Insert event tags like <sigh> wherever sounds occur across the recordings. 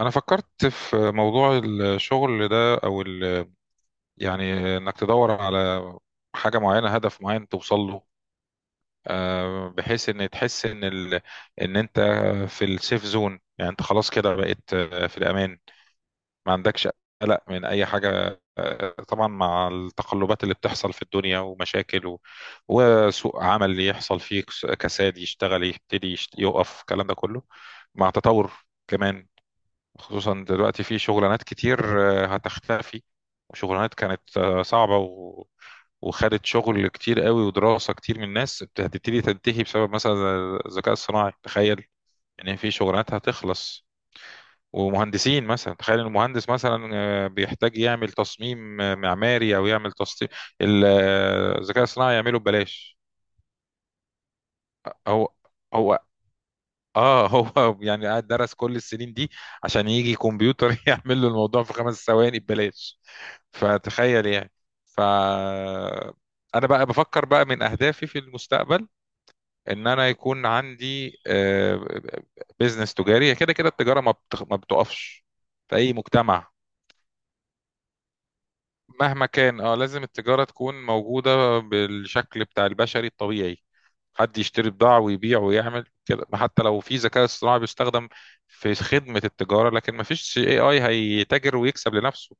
انا فكرت في موضوع الشغل ده او يعني انك تدور على حاجه معينه، هدف معين توصل له. بحيث ان تحس ان ان انت في السيف زون، يعني انت خلاص كده بقيت في الامان، ما عندكش قلق من اي حاجه. طبعا مع التقلبات اللي بتحصل في الدنيا ومشاكل وسوق عمل يحصل فيه كساد، يشتغل، يبتدي يقف الكلام ده كله مع تطور كمان. خصوصا دلوقتي في شغلانات كتير هتختفي، وشغلانات كانت صعبة وخدت شغل كتير قوي ودراسة كتير من الناس هتبتدي تنتهي بسبب مثلا الذكاء الصناعي، تخيل. ان في شغلانات هتخلص، ومهندسين مثلا. تخيل ان المهندس مثلا بيحتاج يعمل تصميم معماري او يعمل تصميم الذكاء الصناعي يعمله ببلاش. هو هو اه هو <laughs> يعني قاعد درس كل السنين دي عشان يجي كمبيوتر <laughs> يعمل له الموضوع في خمس ثواني ببلاش، فتخيل يعني. ف انا بقى بفكر بقى من اهدافي في المستقبل ان انا يكون عندي بيزنس تجاري. هي كده كده التجاره ما بتقفش في اي مجتمع مهما كان. اه، لازم التجاره تكون موجوده بالشكل بتاع البشري الطبيعي، حد يشتري بضاعه ويبيع ويعمل كده. حتى لو في ذكاء اصطناعي بيستخدم في خدمه التجاره، لكن ما فيش اي هيتاجر ويكسب لنفسه،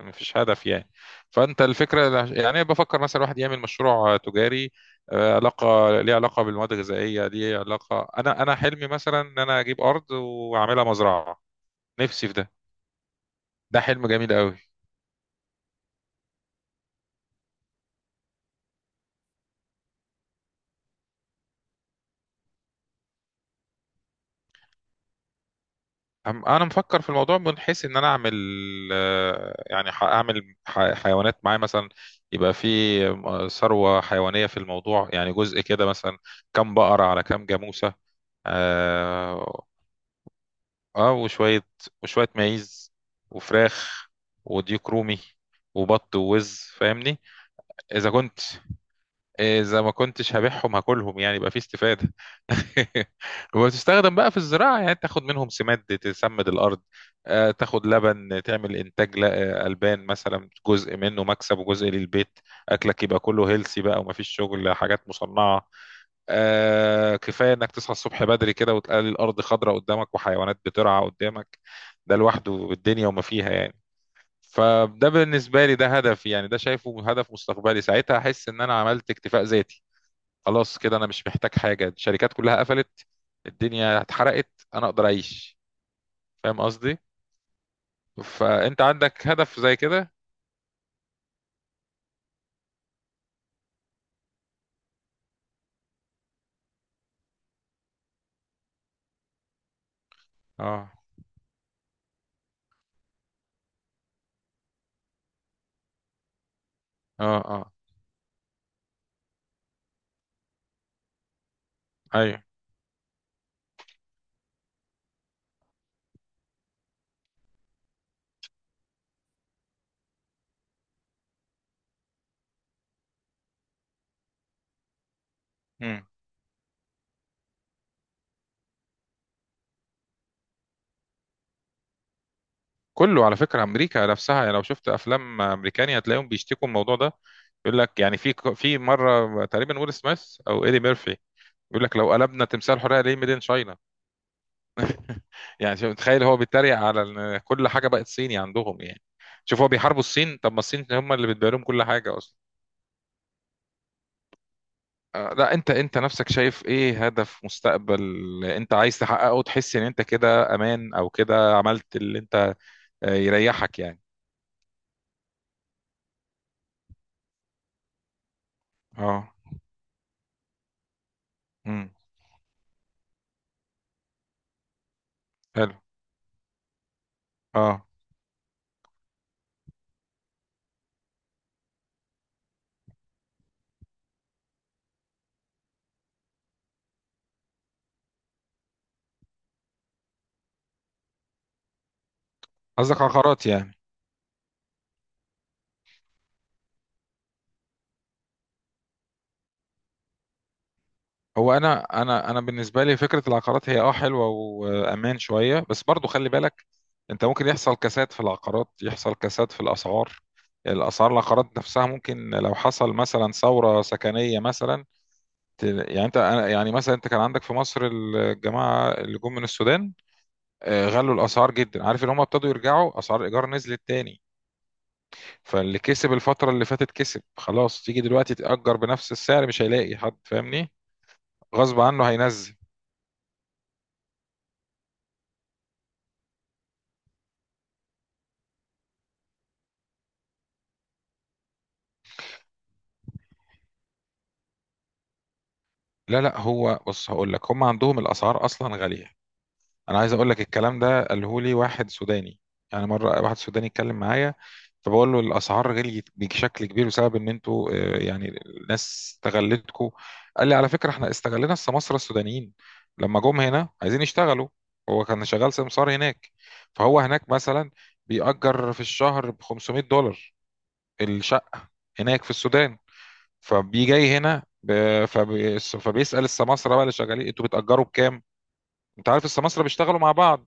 مفيش هدف يعني. فانت الفكره يعني بفكر مثلا الواحد يعمل مشروع تجاري علاقه، ليه علاقه بالمواد الغذائيه، ليه علاقه. انا حلمي مثلا ان انا اجيب ارض واعملها مزرعه، نفسي في ده. ده حلم جميل قوي. انا مفكر في الموضوع من حيث ان انا اعمل يعني اعمل حيوانات معايا مثلا، يبقى في ثروه حيوانيه في الموضوع، يعني جزء كده مثلا. كم بقره على كم جاموسه. آه، اه وشوية وشوية معيز وفراخ وديك رومي وبط ووز، فاهمني. اذا كنت اذا ما كنتش هبيعهم هاكلهم، يعني يبقى في استفادة. <laughs> وتستخدم بقى في الزراعة، يعني تاخد منهم سماد تسمد الارض، تاخد لبن تعمل انتاج البان مثلا، جزء منه مكسب وجزء للبيت. اكلك يبقى كله هيلسي بقى، ومفيش شغل حاجات مصنعة. آه، كفايه انك تصحى الصبح بدري كده، وتلاقي الارض خضراء قدامك وحيوانات بترعى قدامك. ده لوحده الدنيا وما فيها يعني. فده بالنسبه لي ده هدف، يعني ده شايفه هدف مستقبلي. ساعتها احس ان انا عملت اكتفاء ذاتي، خلاص كده انا مش محتاج حاجه. الشركات كلها قفلت، الدنيا اتحرقت، انا اقدر اعيش، فاهم قصدي. فانت عندك هدف زي كده؟ اه، اه، اه، ايوه. كله على فكرة أمريكا نفسها، يعني لو شفت أفلام أمريكاني هتلاقيهم بيشتكوا من الموضوع ده. يقول لك يعني في مرة تقريبا ويل سميث أو إيدي ميرفي يقول لك لو قلبنا تمثال حرية ليه، ميدين شاينا. <laughs> يعني شوف تخيل، هو بيتريق على إن كل حاجة بقت صيني عندهم يعني. شوف هو بيحاربوا الصين، طب ما الصين هم اللي بتبيع لهم كل حاجة أصلا. لا، انت نفسك شايف ايه هدف مستقبل انت عايز تحققه، تحس ان انت كده امان، او كده عملت اللي انت يريحك يعني؟ اه، امم، حلو، اه. قصدك عقارات يعني؟ هو انا بالنسبه لي فكره العقارات هي اه حلوه وامان شويه، بس برضو خلي بالك. انت ممكن يحصل كساد في العقارات، يحصل كساد في الاسعار. الاسعار، العقارات نفسها ممكن لو حصل مثلا ثوره سكنيه مثلا، يعني انت، يعني مثلا انت كان عندك في مصر الجماعه اللي جم من السودان، غلوا الاسعار جدا. عارف اللي هم ابتدوا يرجعوا، اسعار الايجار نزلت تاني. فاللي كسب الفتره اللي فاتت كسب خلاص. تيجي دلوقتي تأجر بنفس السعر، مش هيلاقي حد، فاهمني. غصب عنه هينزل. لا لا، هو بص هقول لك، هم عندهم الاسعار اصلا غاليه. انا عايز اقول لك الكلام ده قاله لي واحد سوداني، يعني مره واحد سوداني اتكلم معايا. فبقول له الاسعار غليت بشكل كبير بسبب ان انتوا يعني الناس استغلتكم. قال لي على فكره احنا استغلنا السماسره السودانيين لما جم هنا عايزين يشتغلوا. هو كان شغال سمسار هناك. فهو هناك مثلا بيأجر في الشهر ب 500 دولار الشقه، هناك في السودان. فبيجي جاي هنا ب- فبي- فبيسأل السماسرة بقى اللي شغالين، انتوا بتأجروا بكام؟ انت عارف السماسرة بيشتغلوا مع بعض.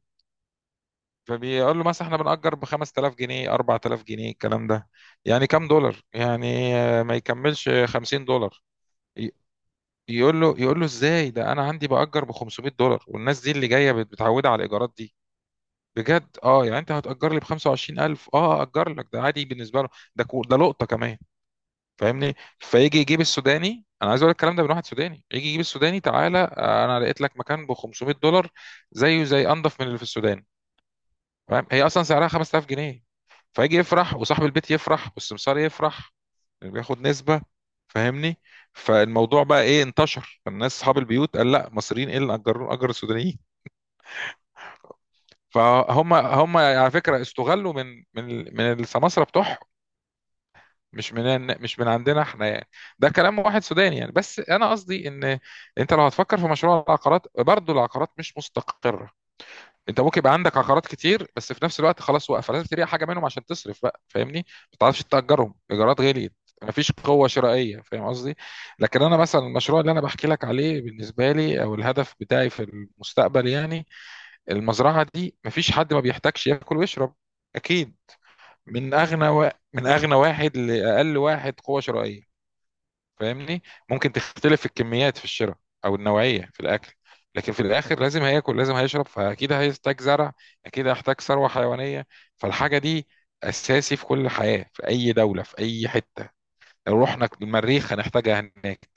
فبيقول له مثلا احنا بنأجر ب 5000 جنيه، 4000 جنيه الكلام ده. يعني كام دولار؟ يعني ما يكملش 50 دولار. ي- يقول له، ازاي ده انا عندي بأجر ب 500 دولار، والناس دي اللي جايه متعوده على الايجارات دي بجد. اه، يعني انت هتأجر لي ب 25000، اه أجر لك، ده عادي بالنسبه له. ده لقطه كمان، فاهمني. فيجي يجيب السوداني، انا عايز اقول لك الكلام ده من واحد سوداني، يجي يجيب السوداني، تعالى انا لقيت لك مكان ب 500 دولار، زيه زي، انضف من اللي في السودان، فاهم. هي اصلا سعرها 5000 جنيه. فيجي يفرح وصاحب البيت يفرح والسمسار يفرح، اللي بياخد نسبة، فاهمني. فالموضوع بقى ايه؟ انتشر الناس اصحاب البيوت قال، لا مصريين ايه اللي اجروا، اجر السودانيين. فهم هم على فكرة استغلوا من السماسرة بتوعهم، مش من عندنا احنا يعني. ده كلام واحد سوداني يعني. بس انا قصدي ان انت لو هتفكر في مشروع العقارات، برضه العقارات مش مستقره. انت ممكن يبقى عندك عقارات كتير، بس في نفس الوقت خلاص واقفه، لازم تبيع حاجه منهم عشان تصرف بقى، فاهمني، ما تعرفش تاجرهم، الايجارات غليت، مفيش قوه شرائيه، فاهم قصدي. لكن انا مثلا المشروع اللي انا بحكي لك عليه بالنسبه لي، او الهدف بتاعي في المستقبل يعني، المزرعه دي، مفيش حد ما بيحتاجش ياكل ويشرب، اكيد. من اغنى واحد لاقل واحد قوه شرائيه، فاهمني. ممكن تختلف في الكميات في الشراء، او النوعيه في الاكل، لكن في الاخر لازم هياكل لازم هيشرب، فاكيد هيحتاج زرع، اكيد هيحتاج ثروه حيوانيه. فالحاجه دي اساسي في كل حياه، في اي دوله، في اي حته. لو رحنا المريخ هنحتاجها هناك،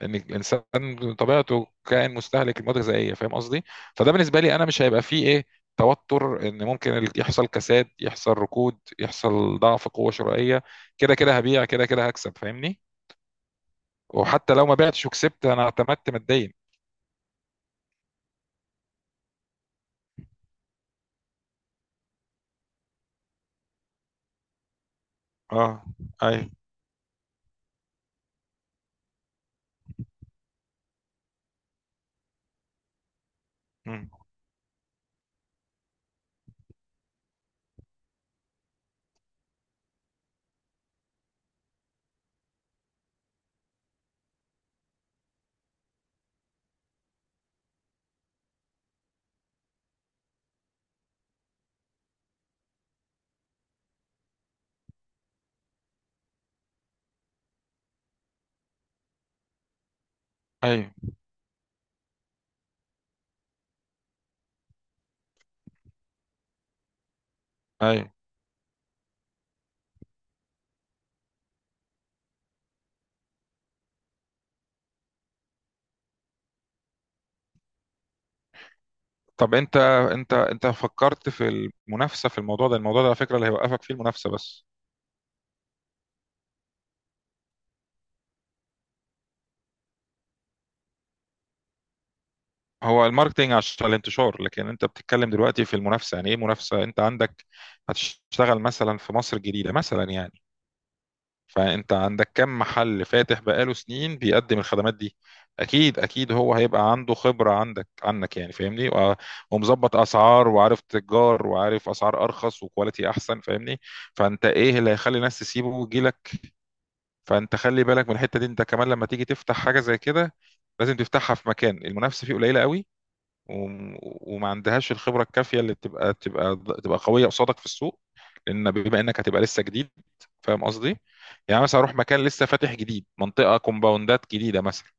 لان الانسان طبيعته كائن مستهلك المواد الغذائيه، فاهم قصدي. فده بالنسبه لي انا مش هيبقى فيه ايه، توتر. ان ممكن يحصل كساد، يحصل ركود، يحصل ضعف قوه شرائيه. كده كده هبيع، كده كده هكسب، فاهمني. وحتى لو ما بعتش وكسبت انا، اعتمدت ماديا. اه، ايوه، مم. ايوه، ايوه. طب انت، انت فكرت في المنافسه في الموضوع ده؟ الموضوع ده على فكره اللي هيوقفك فيه المنافسه بس. هو الماركتينج عشان الانتشار، لكن انت بتتكلم دلوقتي في المنافسه. يعني ايه منافسه انت عندك؟ هتشتغل مثلا في مصر الجديده مثلا يعني؟ فانت عندك كم محل فاتح بقاله سنين بيقدم الخدمات دي. اكيد، اكيد هو هيبقى عنده خبرة عندك، عنك يعني فاهمني، ومظبط اسعار، وعارف تجار، وعارف اسعار ارخص، وكواليتي احسن، فاهمني. فانت ايه اللي هيخلي الناس تسيبه ويجيلك؟ فانت خلي بالك من الحتة دي. انت كمان لما تيجي تفتح حاجة زي كده، لازم تفتحها في مكان المنافسة فيه قليلة قوي، وما عندهاش الخبره الكافيه اللي تبقى قويه قصادك في السوق. لان بما انك هتبقى لسه جديد، فاهم قصدي. يعني مثلا اروح مكان لسه فاتح جديد، منطقه كومباوندات جديده مثلا،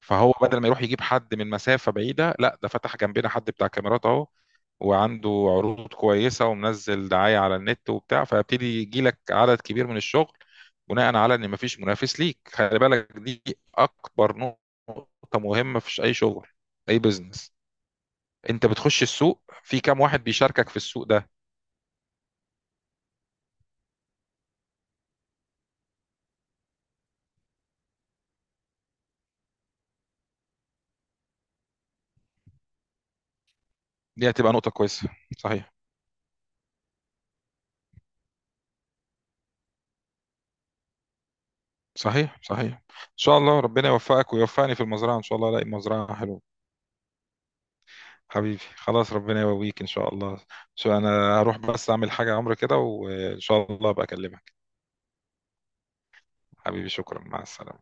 فهو بدل ما يروح يجيب حد من مسافه بعيده، لا ده فتح جنبنا حد بتاع كاميرات اهو، وعنده عروض كويسه، ومنزل دعايه على النت وبتاع، فيبتدي يجي لك عدد كبير من الشغل، بناء على ان مفيش منافس ليك. خلي بالك دي اكبر نقطه مهمه في اي شغل، اي بزنس. انت بتخش السوق في كام واحد بيشاركك في السوق ده. دي هتبقى نقطة كويسة، صحيح. صحيح ان شاء الله ربنا يوفقك ويوفقني في المزرعة، ان شاء الله الاقي مزرعة حلوة. حبيبي خلاص، ربنا يقويك ان شاء الله. شو انا هروح بس اعمل حاجة عمري كده، وان شاء الله ابقى اكلمك. حبيبي شكرا، مع السلامة.